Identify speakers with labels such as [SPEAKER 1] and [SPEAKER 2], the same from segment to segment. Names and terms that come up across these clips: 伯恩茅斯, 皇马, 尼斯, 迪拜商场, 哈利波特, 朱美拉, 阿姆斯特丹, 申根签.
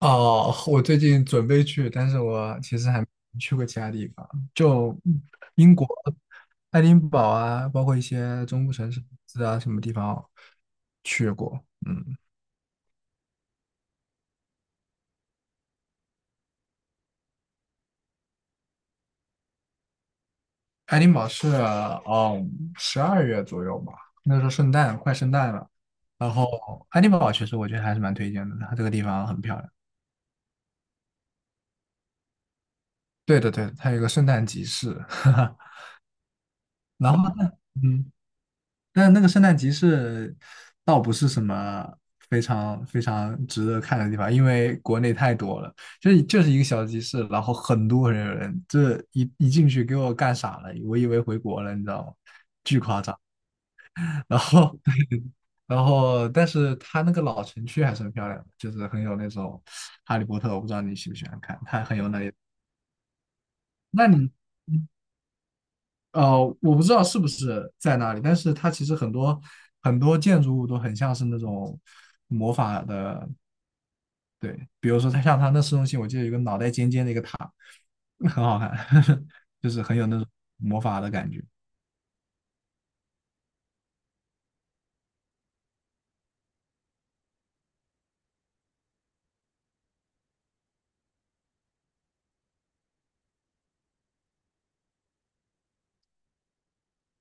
[SPEAKER 1] 哦，我最近准备去，但是我其实还没去过其他地方，就英国爱丁堡啊，包括一些中部城市啊，什么地方去过。嗯，爱丁堡是12月左右吧，那时候快圣诞了。然后爱丁堡其实我觉得还是蛮推荐的，它这个地方很漂亮。对的，对的，它有一个圣诞集市，然后呢，嗯。但那个圣诞集市倒不是什么非常非常值得看的地方，因为国内太多了，就是一个小集市，然后很多人有人，这一进去给我干傻了，我以为回国了，你知道吗？然后 然后，但是它那个老城区还是很漂亮的，就是很有那种《哈利波特》，我不知道你喜不喜欢看，它很有那一。那你我不知道是不是在那里，但是它其实很多很多建筑物都很像是那种魔法的，对，比如说像它那市中心，我记得有个脑袋尖尖的一个塔，很好看，就是很有那种魔法的感觉。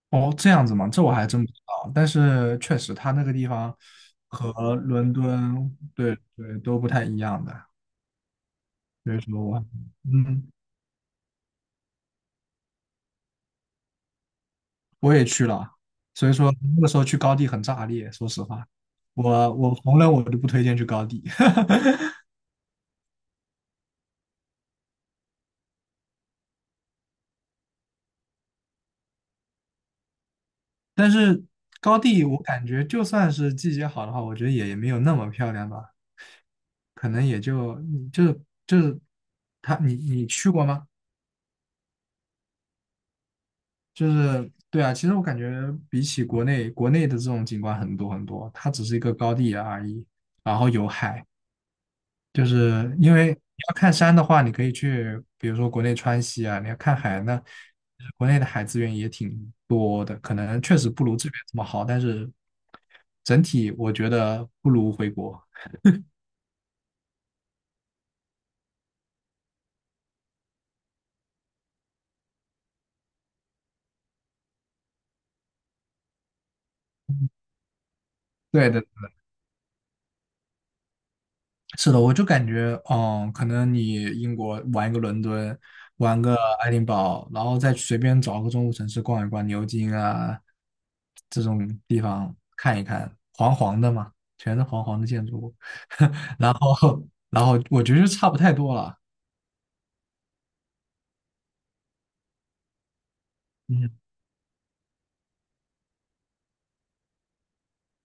[SPEAKER 1] 哦，这样子吗？这我还真不知道，但是确实它那个地方和伦敦，对对，都不太一样的，所以说我，嗯。我也去了，所以说那个时候去高地很炸裂。说实话，我红人我都不推荐去高地，但是高地我感觉就算是季节好的话，我觉得也没有那么漂亮吧，可能也就就就是你去过吗？就是对啊，其实我感觉比起国内的这种景观很多很多，它只是一个高地而已，然后有海。就是因为你要看山的话，你可以去，比如说国内川西啊；你要看海呢，国内的海资源也挺多的，可能确实不如这边这么好，但是整体我觉得不如回国。对的，是的，我就感觉，可能你英国玩一个伦敦，玩个爱丁堡，然后再随便找个中部城市逛一逛，牛津啊这种地方看一看，黄黄的嘛，全是黄黄的建筑物，然后我觉得就差不太多了。嗯，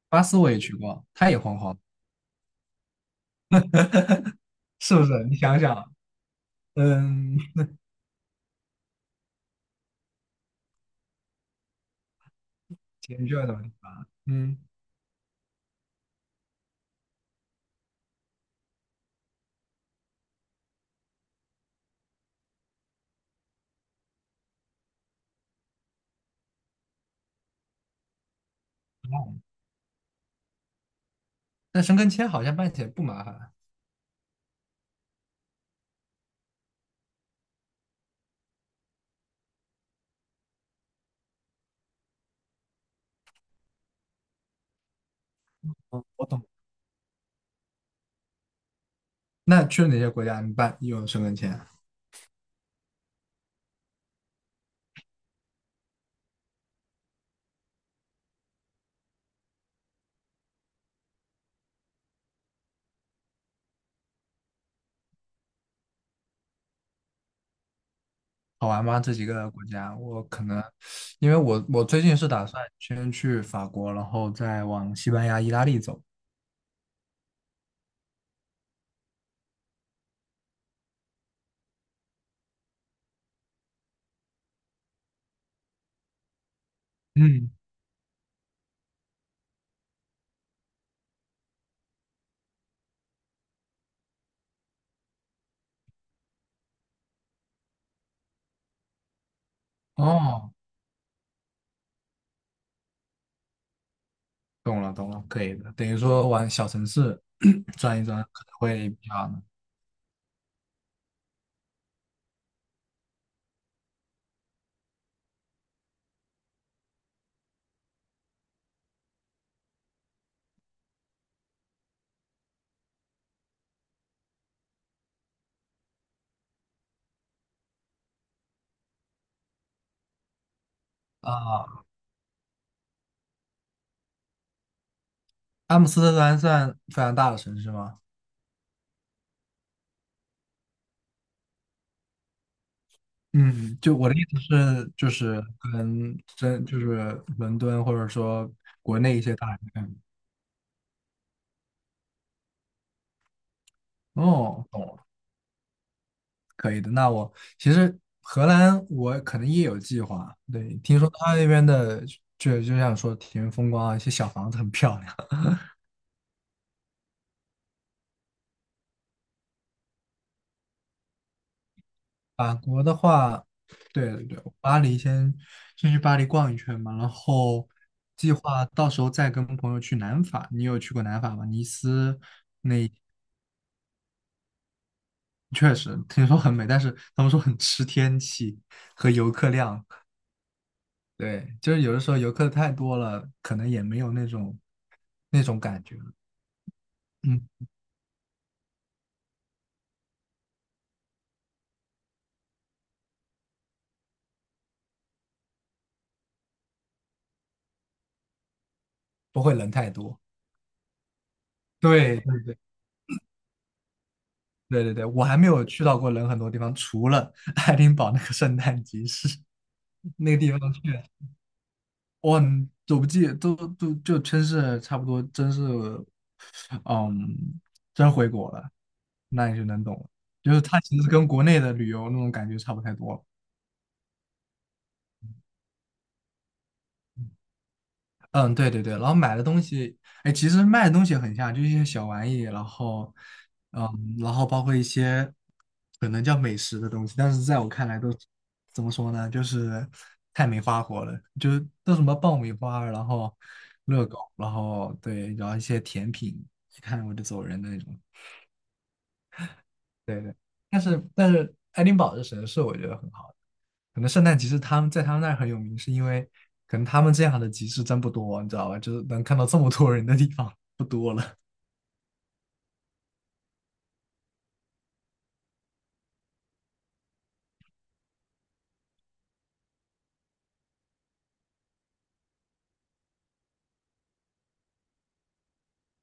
[SPEAKER 1] 巴斯我也去过，它也黄黄的是不是？你想想，嗯，解决这种地方，嗯，那申根签好像办起来不麻烦。嗯，我懂。那去了哪些国家？你办有申根签啊？好玩吗？这几个国家，我可能因为我最近是打算先去法国，然后再往西班牙、意大利走。嗯，哦，懂了懂了，可以的，等于说往小城市 转一转，可能会比较难啊。阿姆斯特丹算非常大的城市吗？嗯，就我的意思是，就是跟真就是伦敦或者说国内一些大城市。哦，懂了。可以的。其实荷兰我可能也有计划，对，听说他那边的就像说田园风光啊，一些小房子很漂亮。法国的话，对对对，巴黎先去巴黎逛一圈嘛，然后计划到时候再跟朋友去南法。你有去过南法吗？尼斯确实听说很美，但是他们说很吃天气和游客量。对，就是有的时候游客太多了，可能也没有那种感觉了嗯。不会人太多。对对对对我还没有去到过人很多地方，除了 爱丁堡那个圣诞集市那个地方去，我很走不记都就真是差不多，真是嗯，真回国了，那你就能懂了，就是它其实跟国内的旅游那种感觉差不太多了。嗯，对对对，然后买的东西，哎，其实卖的东西很像，就是一些小玩意，然后，嗯，然后包括一些可能叫美食的东西，但是在我看来都怎么说呢，就是太没花活了，就是都什么爆米花，然后热狗，然后对，然后一些甜品，一看我就走人的那种。对对，但是爱丁堡这神社，我觉得很好，可能圣诞集市他们在他们那儿很有名，是因为可能他们这样的集市真不多，你知道吧？就是能看到这么多人的地方不多了。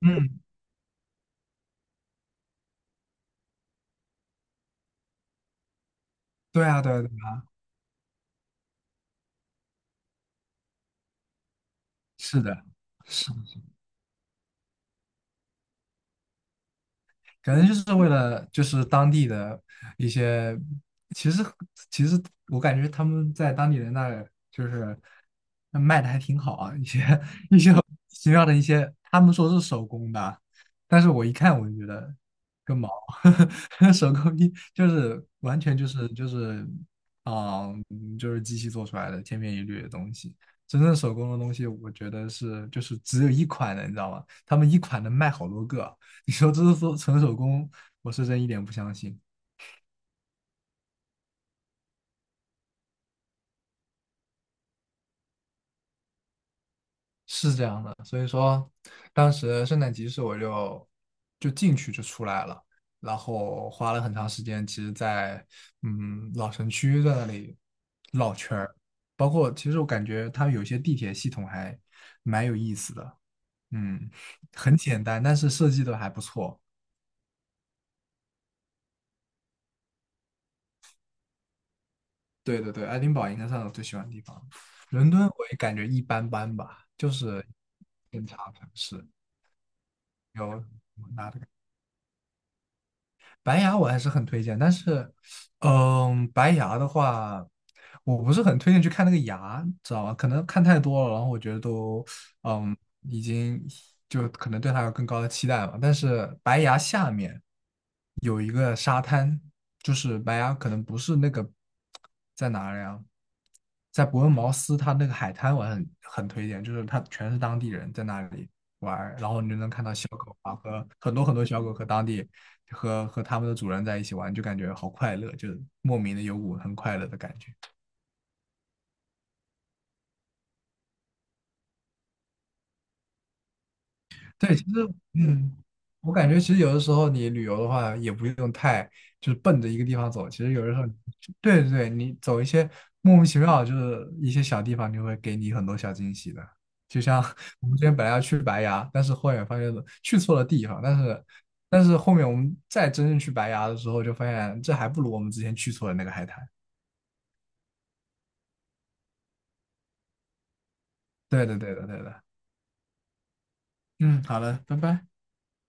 [SPEAKER 1] 嗯，对啊，对啊，对啊，是的，是的可能就是为了就是当地的一些，其实其实我感觉他们在当地人那儿就是卖的还挺好啊，一些 一些奇妙的一些，他们说是手工的，但是我一看我就觉得个毛，手工艺就是完全就是就是机器做出来的千篇一律的东西。真正手工的东西，我觉得是就是只有一款的，你知道吗？他们一款能卖好多个，你说这是说纯手工，我是真一点不相信。是这样的，所以说当时圣诞集市我就进去就出来了，然后花了很长时间，其实在老城区在那里绕圈儿，包括其实我感觉它有些地铁系统还蛮有意思的，嗯，很简单，但是设计的还不错。对对对，爱丁堡应该是我最喜欢的地方，伦敦我也感觉一般般吧，就是偏差城市，有白牙我还是很推荐，但是，白牙的话，我不是很推荐去看那个牙，知道吧？可能看太多了，然后我觉得都，嗯，已经就可能对它有更高的期待嘛。但是白牙下面有一个沙滩，就是白牙可能不是那个在哪里啊？在伯恩茅斯，它那个海滩我很推荐，就是它全是当地人在那里玩儿然后你就能看到小狗啊和很多很多小狗和当地和他们的主人在一起玩，就感觉好快乐，就莫名的有股很快乐的感觉。对，其实嗯，我感觉其实有的时候你旅游的话，也不用太就是奔着一个地方走，其实有的时候，对对对，你走一些莫名其妙，就是一些小地方，就会给你很多小惊喜的。就像 我们之前本来要去白崖，但是后面发现去错了地方，但是后面我们再真正去白崖的时候，就发现这还不如我们之前去错的那个海滩。对的，对的，对的。嗯，好了，拜拜。